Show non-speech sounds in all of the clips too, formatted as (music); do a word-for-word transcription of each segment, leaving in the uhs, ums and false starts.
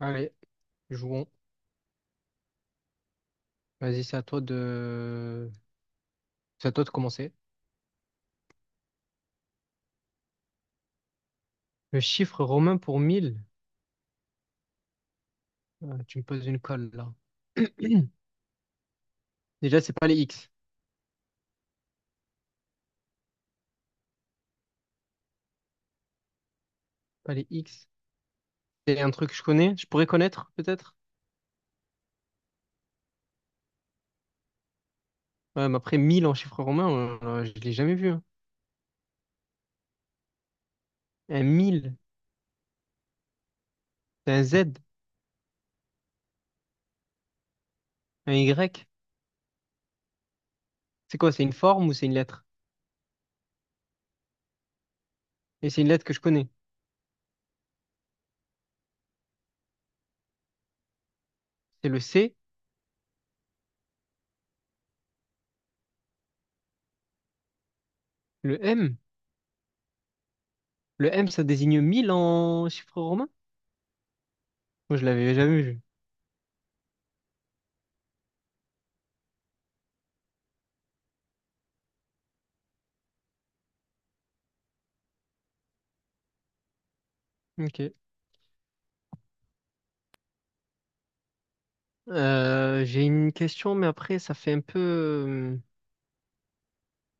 Allez, jouons. Vas-y, c'est à toi de... c'est à toi de commencer. Le chiffre romain pour mille. Ah, tu me poses une colle là. (clears throat) Déjà, c'est pas les X. Pas les X. C'est un truc que je connais. Je pourrais connaître, peut-être. Ouais, mais après, mille en chiffre romain, euh, je l'ai jamais vu. hein. Un mille, c'est un Z, un Y. C'est quoi? C'est une forme ou c'est une lettre? Et c'est une lettre que je connais. C'est le C, le M. Le M, ça désigne mille en chiffre romain? Moi, je l'avais jamais vu. Ok. Euh, j'ai une question, mais après, ça fait un peu... euh,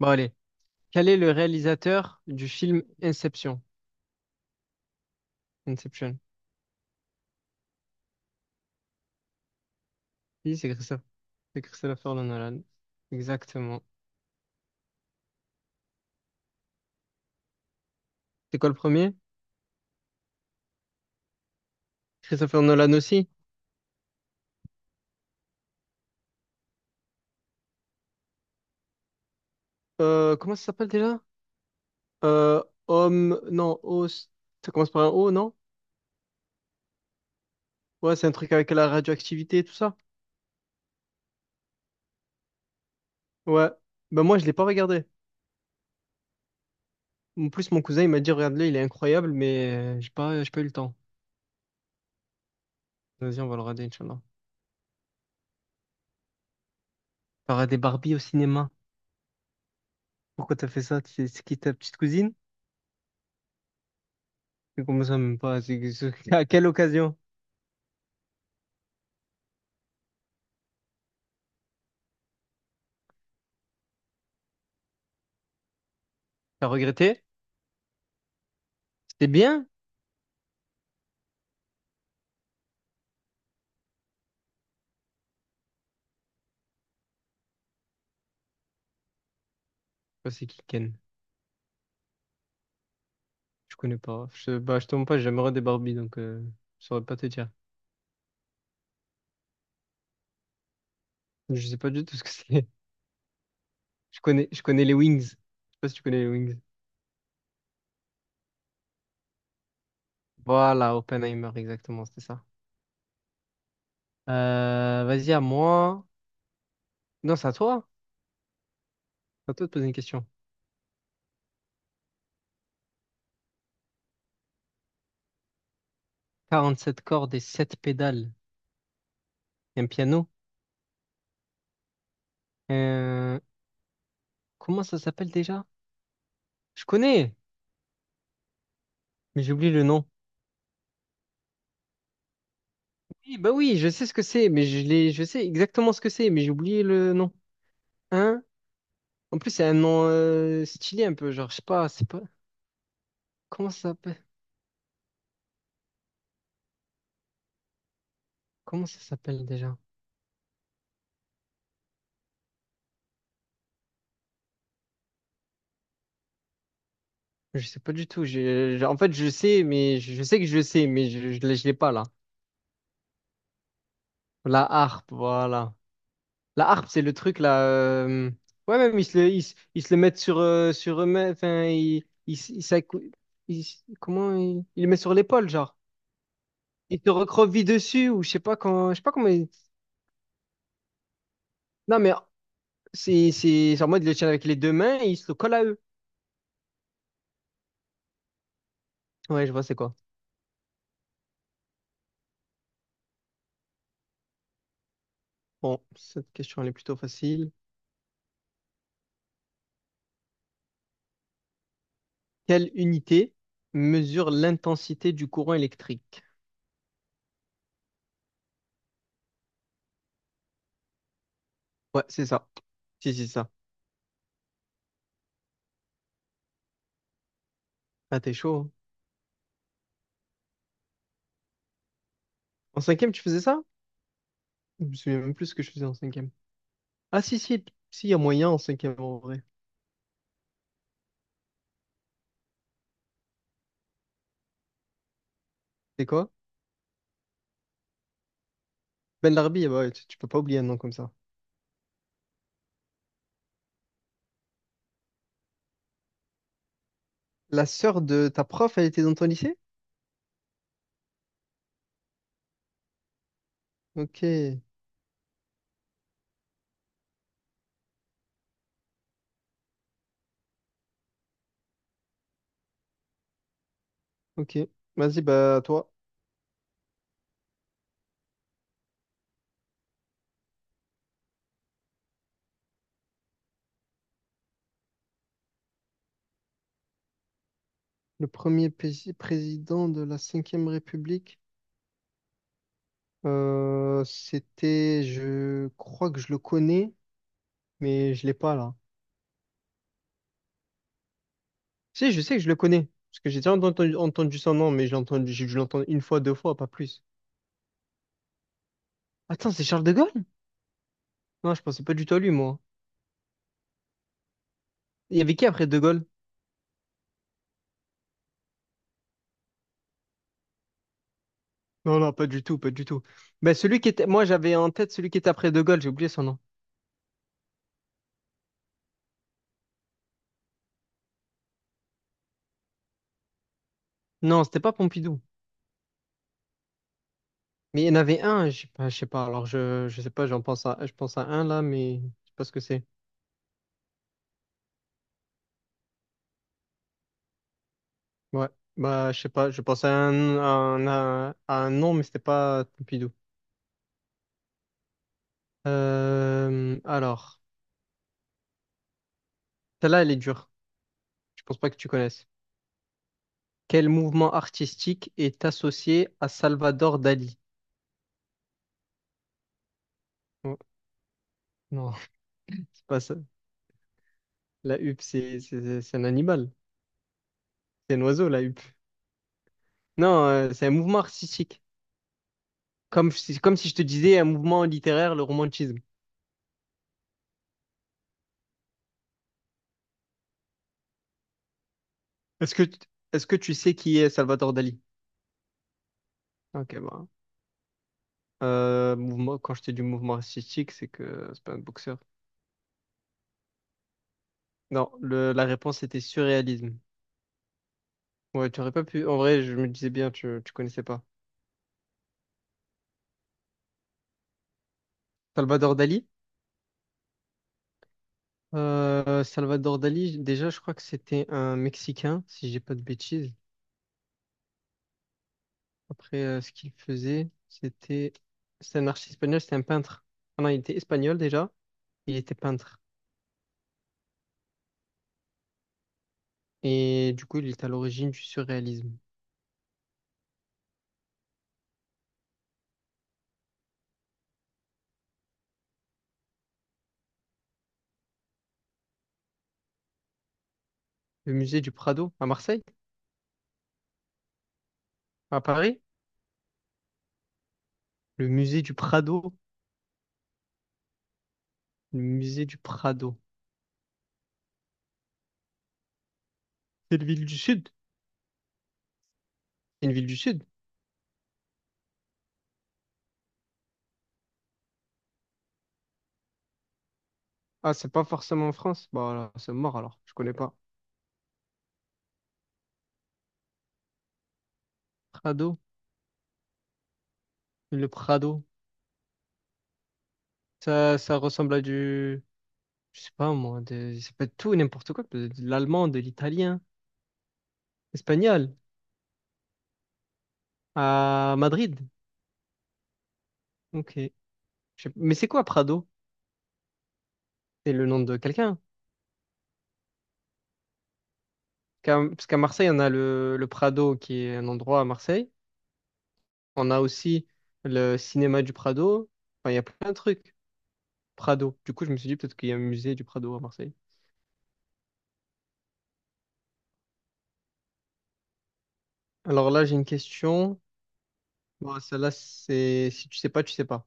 Bon, allez. Quel est le réalisateur du film Inception? Inception. Oui, c'est Christophe. C'est Christopher Nolan. Exactement. C'est quoi le premier? Christopher Nolan aussi. Euh, comment ça s'appelle déjà? Euh, homme... Non, os... Ça commence par un O, non? Ouais, c'est un truc avec la radioactivité et tout ça. Ouais. Ben moi, je l'ai pas regardé. En plus, mon cousin, il m'a dit, regarde-le, il est incroyable, mais euh, j'ai pas, j'ai pas eu le temps. Vas-y, on va le regarder, Inch'Allah. Il y aura Barbie au cinéma. Pourquoi t'as fait ça? C'est c'est qui ta petite cousine? Mais comment ça, même pas? C'est- c'est- (laughs) À quelle occasion? T'as regretté? C'était bien? Bah, c'est qui Ken? Je connais pas. Je, bah, je te montre pas, j'ai jamais regardé Barbie, donc euh, je saurais pas te dire. Je sais pas du tout ce que (laughs) c'est. Je connais, je connais les Wings. Je sais pas si tu connais les Wings. Voilà, Oppenheimer, exactement, c'était ça. Euh, vas-y, à moi. Non, c'est à toi. C'est à toi de poser une question. Quarante-sept cordes et sept pédales. Un piano. Euh, comment ça s'appelle déjà? Je connais, mais j'ai oublié le nom. Oui, bah oui, je sais ce que c'est, mais je l'ai, je sais exactement ce que c'est, mais j'ai oublié le nom. Hein? En plus, c'est un nom euh, stylé un peu, genre, je sais pas, c'est pas. Comment ça s'appelle? Comment ça s'appelle déjà? Je sais pas du tout. je- je- en fait, je sais, mais je, je sais que je sais, mais je, je, l'ai je l'ai pas là. La harpe, voilà. La harpe, c'est le truc là. euh, Ouais, même ils se le, ils, se ils se le mettent sur, euh, sur eux-mêmes. Enfin, ils, ils, s- ils, s'accou- ils s- comment ils, ils le mettent sur l'épaule, genre. Ils te recroquevillent dessus ou je sais pas quand, je sais pas comment. ils- non, mais C'est, c'est, c'est en mode, ils le tiennent avec les deux mains et ils se le collent à eux. Ouais, je vois, c'est quoi. Bon, cette question, elle est plutôt facile. Quelle unité mesure l'intensité du courant électrique? Ouais, c'est ça. Si, si, ça. Ah, t'es chaud. hein. En cinquième, tu faisais ça? Je me souviens même plus ce que je faisais en cinquième. Ah, si, si, si, il y a moyen en cinquième, en vrai. C'est quoi? Ben Larbi, eh ben ouais, tu, tu peux pas oublier un nom comme ça. La sœur de ta prof, elle était dans ton lycée? Ok, ok. Vas-y, bah, toi. Le premier pays- président de la cinquième République. Euh, c'était, je crois que je le connais, mais je l'ai pas là. Si, je sais que je le connais, parce que j'ai déjà entendu, entendu son nom, mais je l'ai entendu, j'ai dû l'entendre une fois, deux fois, pas plus. Attends, c'est Charles de Gaulle? Non, je pensais pas du tout à lui, moi. Il y avait qui après de Gaulle? Non, non, pas du tout, pas du tout. Ben, celui qui était, moi, j'avais en tête celui qui était après de Gaulle, j'ai oublié son nom. Non, c'était pas Pompidou. Mais il y en avait un, je sais pas, je sais pas. Alors, je, je sais pas, j'en pense à, je pense à un là, mais je sais pas ce que c'est. Ouais, bah je sais pas, je pensais à un, à un, à un nom, mais c'était pas Pompidou. Euh, alors, celle-là, elle est dure. Je pense pas que tu connaisses. Quel mouvement artistique est associé à Salvador Dali? Oh, non, (laughs) c'est pas ça. La huppe, c'est c'est- c'est- c'est un animal. C'est un oiseau, la huppe. Non, euh, c'est un mouvement artistique. Comme, si- comme si je te disais un mouvement littéraire, le romantisme. Est-ce que, tu- est-ce que tu sais qui est Salvador Dali? Ok, bah. Euh, mouvement, quand je te dis mouvement artistique, c'est que c'est pas un boxeur. Non, le- la réponse était surréalisme. Ouais, tu aurais pas pu. En vrai, je me disais bien, tu, tu connaissais pas. Salvador Dali? Euh, Salvador Dali, déjà, je crois que c'était un Mexicain, si j'ai pas de bêtises. Après, euh, ce qu'il faisait, c'était. C'était un artiste espagnol, c'était un peintre. Ah non, il était espagnol déjà, il était peintre. Et du coup, il est à l'origine du surréalisme. Le musée du Prado, à Marseille? À Paris? Le musée du Prado? Le musée du Prado. C'est une ville du Sud? C'est une ville du Sud? Ah, c'est pas forcément en France? Bah, alors, c'est mort alors, je connais pas. Prado? Le Prado? Ça, ça ressemble à du. Je sais pas moi, de... ça peut être tout et n'importe quoi. Peut De l'allemand, de l'italien, espagnol, à Madrid. Ok. Je sais- Mais c'est quoi Prado? C'est le nom de quelqu'un. Qu'à- Parce qu'à Marseille, on a le... le Prado qui est un endroit à Marseille. On a aussi le cinéma du Prado. Enfin, il y a plein de trucs. Prado. Du coup, je me suis dit peut-être qu'il y a un musée du Prado à Marseille. Alors là, j'ai une question. Bon, celle-là, c'est si tu sais pas, tu sais pas.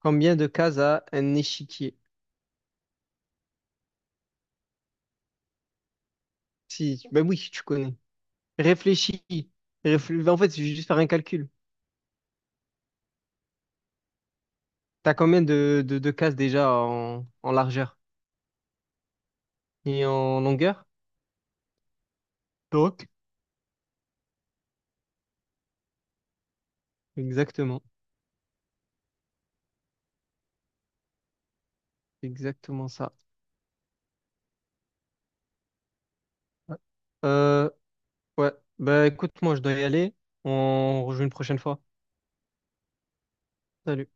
Combien de cases a un échiquier? Si, ben oui, tu connais. Réfléchis. Réfl- ben, en fait, je vais juste faire un calcul. T'as combien de, de, de cases déjà en, en largeur et en longueur? Donc. Exactement. Exactement ça. Ouais. Euh, ouais. Ben écoute, moi, je dois y aller. On rejoue une prochaine fois. Salut.